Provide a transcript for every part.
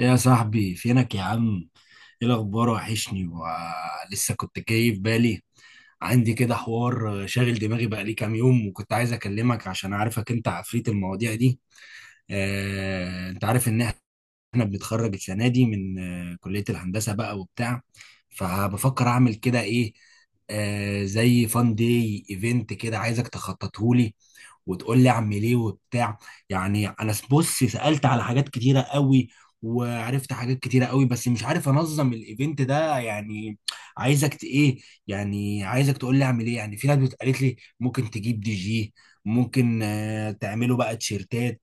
إيه يا صاحبي؟ فينك يا عم؟ ايه الاخبار؟ وحشني ولسه كنت جاي في بالي. عندي كده حوار شاغل دماغي بقالي كام يوم، وكنت عايز اكلمك عشان عارفك انت عفريت المواضيع دي. انت عارف ان احنا بنتخرج السنه دي من كليه الهندسه بقى وبتاع. فبفكر اعمل كده ايه، زي فان داي ايفنت كده. عايزك تخططهولي وتقول لي اعمل ايه وبتاع. يعني انا بص سالت على حاجات كتيره قوي، وعرفت حاجات كتيره قوي، بس مش عارف انظم الايفنت ده يعني. عايزك ايه، يعني عايزك تقول لي اعمل ايه. يعني في ناس قالت لي ممكن تجيب دي جي، ممكن تعمله بقى تيشيرتات.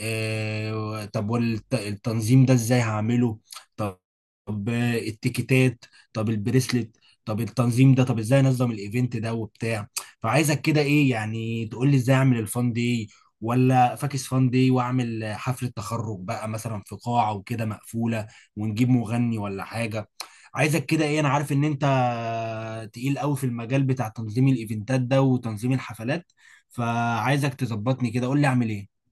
طب والتنظيم ده ازاي هعمله؟ طب طب التيكيتات؟ طب البريسلت؟ طب التنظيم ده، طب ازاي انظم الايفنت ده وبتاع؟ فعايزك كده ايه، يعني تقول لي ازاي اعمل الفان دي، ولا فاكس فان دي، واعمل حفلة تخرج بقى مثلا في قاعة وكده مقفولة، ونجيب مغني ولا حاجة. عايزك كده ايه. انا عارف ان انت تقيل قوي في المجال بتاع تنظيم الايفنتات ده وتنظيم الحفلات. فعايزك تظبطني كده، قول لي اعمل ايه.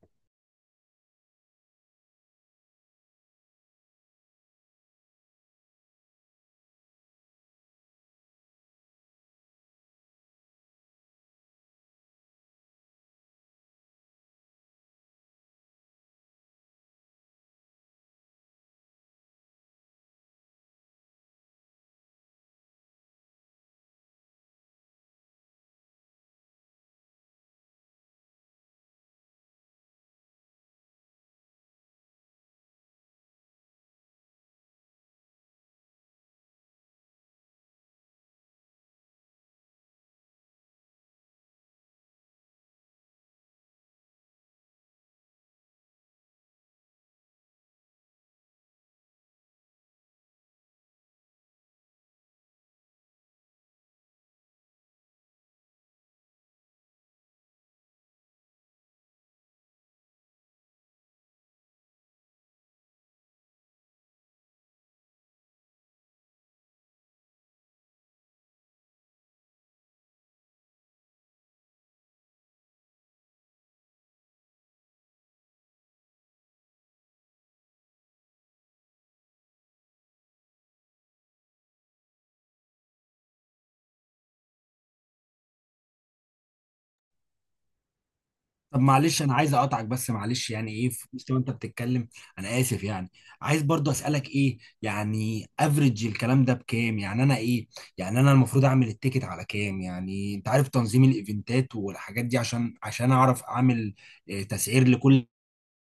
طب معلش، انا عايز اقطعك بس معلش يعني ايه في وسط ما انت بتتكلم. انا اسف يعني. عايز برضو اسالك ايه. يعني افريج الكلام ده بكام؟ يعني انا ايه؟ يعني انا المفروض اعمل التيكت على كام؟ يعني انت عارف تنظيم الايفنتات والحاجات دي، عشان اعرف اعمل تسعير لكل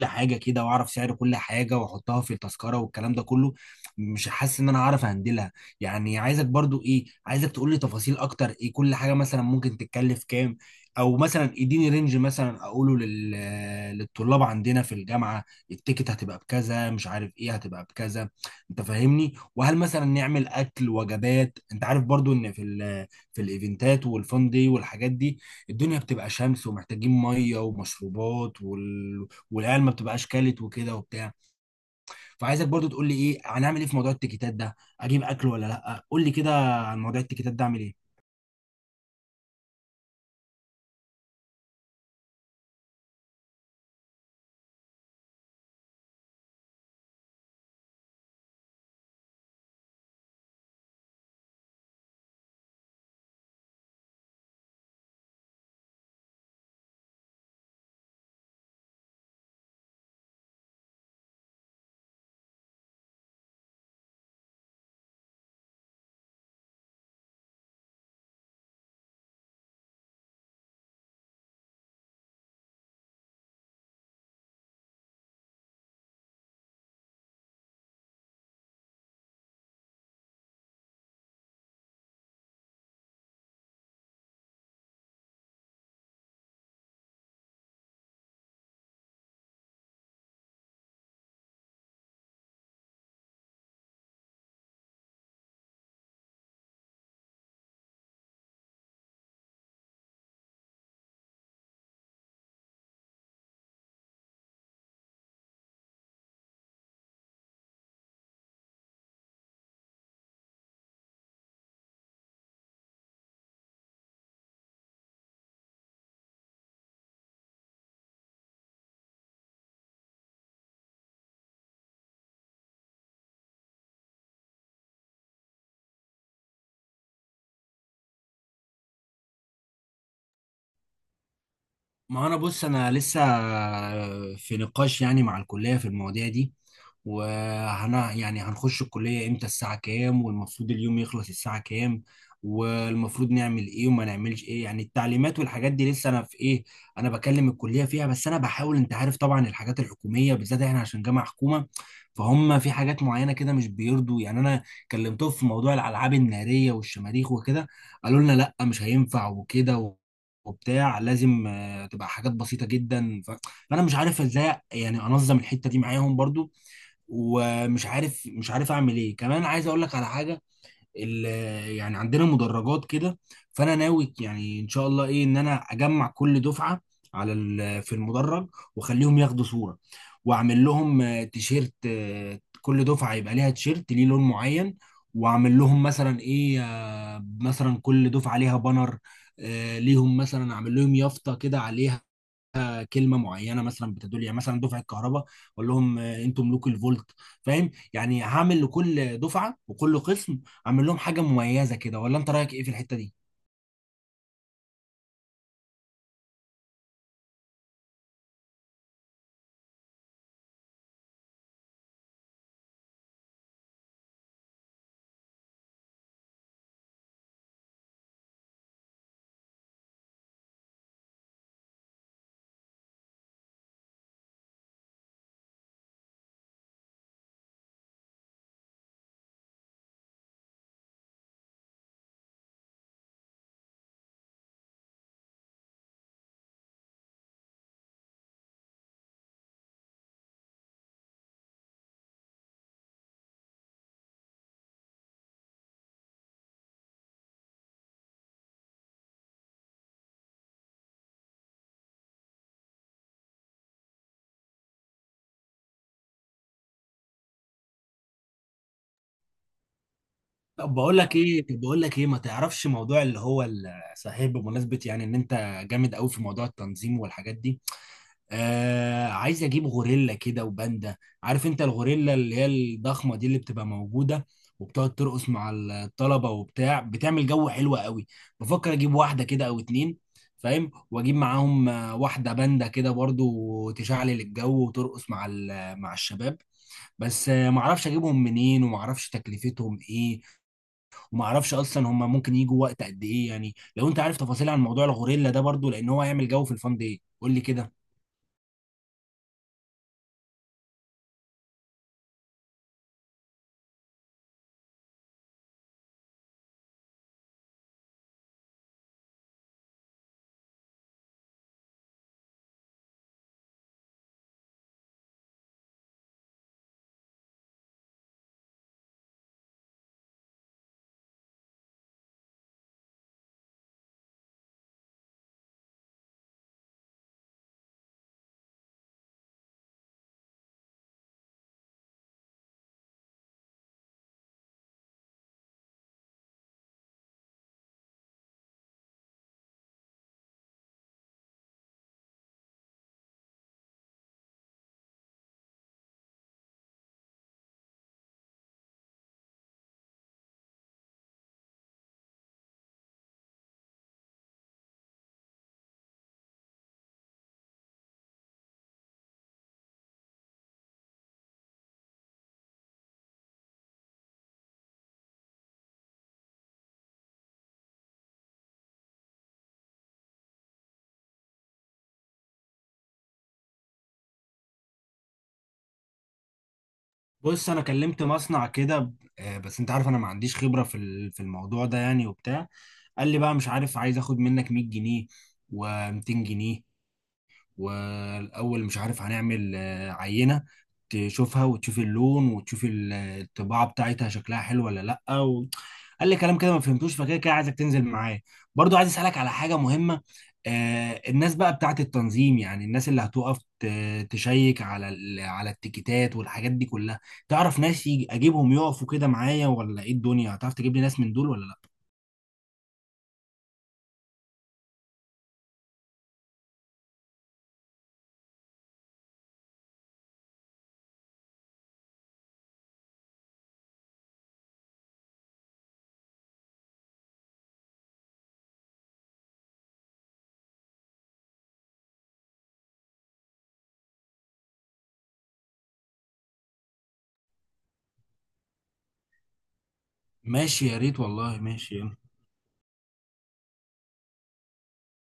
حاجه كده، واعرف سعر كل حاجه واحطها في التذكره والكلام ده كله. مش حاسس ان انا عارف اهندلها. يعني عايزك برضو ايه، عايزك تقول لي تفاصيل اكتر. ايه كل حاجه مثلا ممكن تتكلف كام، او مثلا اديني رينج مثلا اقوله للطلاب عندنا في الجامعه. التيكت هتبقى بكذا، مش عارف ايه هتبقى بكذا. انت فاهمني؟ وهل مثلا نعمل اكل وجبات؟ انت عارف برضو ان في الايفنتات والفان دي والحاجات دي، الدنيا بتبقى شمس، ومحتاجين ميه ومشروبات والعيال ما بتبقاش كلت وكده وبتاع. فعايزك برضو تقول لي ايه، هنعمل ايه في موضوع التيكيتات ده؟ اجيب اكل ولا لا؟ قول لي كده عن موضوع التيكيتات ده، اعمل ايه. ما انا بص، انا لسه في نقاش يعني مع الكليه في المواضيع دي. وهنا يعني هنخش الكليه امتى، الساعه كام، والمفروض اليوم يخلص الساعه كام، والمفروض نعمل ايه وما نعملش ايه، يعني التعليمات والحاجات دي لسه انا في ايه، انا بكلم الكليه فيها. بس انا بحاول. انت عارف طبعا الحاجات الحكوميه بالذات، احنا عشان جامعه حكومه، فهم في حاجات معينه كده مش بيرضوا. يعني انا كلمتهم في موضوع الالعاب الناريه والشماريخ وكده، قالوا لنا لا مش هينفع وكده وبتاع. لازم هتبقى حاجات بسيطه جدا. فانا مش عارف ازاي يعني انظم الحته دي معاهم برضو. ومش عارف مش عارف اعمل ايه. كمان عايز اقول لك على حاجه. ال... يعني عندنا مدرجات كده، فانا ناوي يعني ان شاء الله ايه ان انا اجمع كل دفعه في المدرج، واخليهم ياخدوا صوره. واعمل لهم تيشيرت. كل دفعه يبقى ليها تيشيرت ليه لون معين. واعمل لهم مثلا ايه، مثلا كل دفعه ليها بانر. ليهم مثلا اعمل لهم يافطه كده عليها كلمه معينه مثلا بتدل يعني مثلا دفعه كهرباء، اقول لهم انتوا ملوك الفولت. فاهم؟ يعني هعمل لكل دفعه وكل قسم اعمل لهم حاجه مميزه كده، ولا انت رايك ايه في الحته دي؟ طب بقول لك ايه، ما تعرفش موضوع اللي هو صحيح، بمناسبه يعني ان انت جامد قوي في موضوع التنظيم والحاجات دي، عايز اجيب غوريلا كده وباندا. عارف انت الغوريلا اللي هي الضخمه دي، اللي بتبقى موجوده وبتقعد ترقص مع الطلبه وبتاع، بتعمل جو حلو قوي. بفكر اجيب واحده كده او اتنين، فاهم؟ واجيب معاهم واحده باندا كده برضو تشعلل الجو وترقص مع الشباب. بس معرفش اجيبهم منين، ومعرفش تكلفتهم ايه، ومعرفش اصلا هم ممكن يجوا وقت قد ايه. يعني لو انت عارف تفاصيل عن موضوع الغوريلا ده برضو، لان هو هيعمل جو في الفان دي، قول لي كده. بص انا كلمت مصنع كده. بس انت عارف انا ما عنديش خبره في الموضوع ده يعني وبتاع. قال لي بقى مش عارف، عايز اخد منك 100 جنيه و200 جنيه، والاول مش عارف هنعمل عينه تشوفها وتشوف اللون وتشوف الطباعه بتاعتها شكلها حلو ولا لا قال لي كلام كده ما فهمتوش. فكده كده عايزك تنزل معايا. برضو عايز اسالك على حاجه مهمه. الناس بقى بتاعت التنظيم، يعني الناس اللي هتقف تشيك على التيكيتات والحاجات دي كلها. تعرف ناس يجي اجيبهم يقفوا كده معايا ولا ايه؟ الدنيا هتعرف تجيب لي ناس من دول ولا لا؟ ماشي، يا ريت والله، ماشي.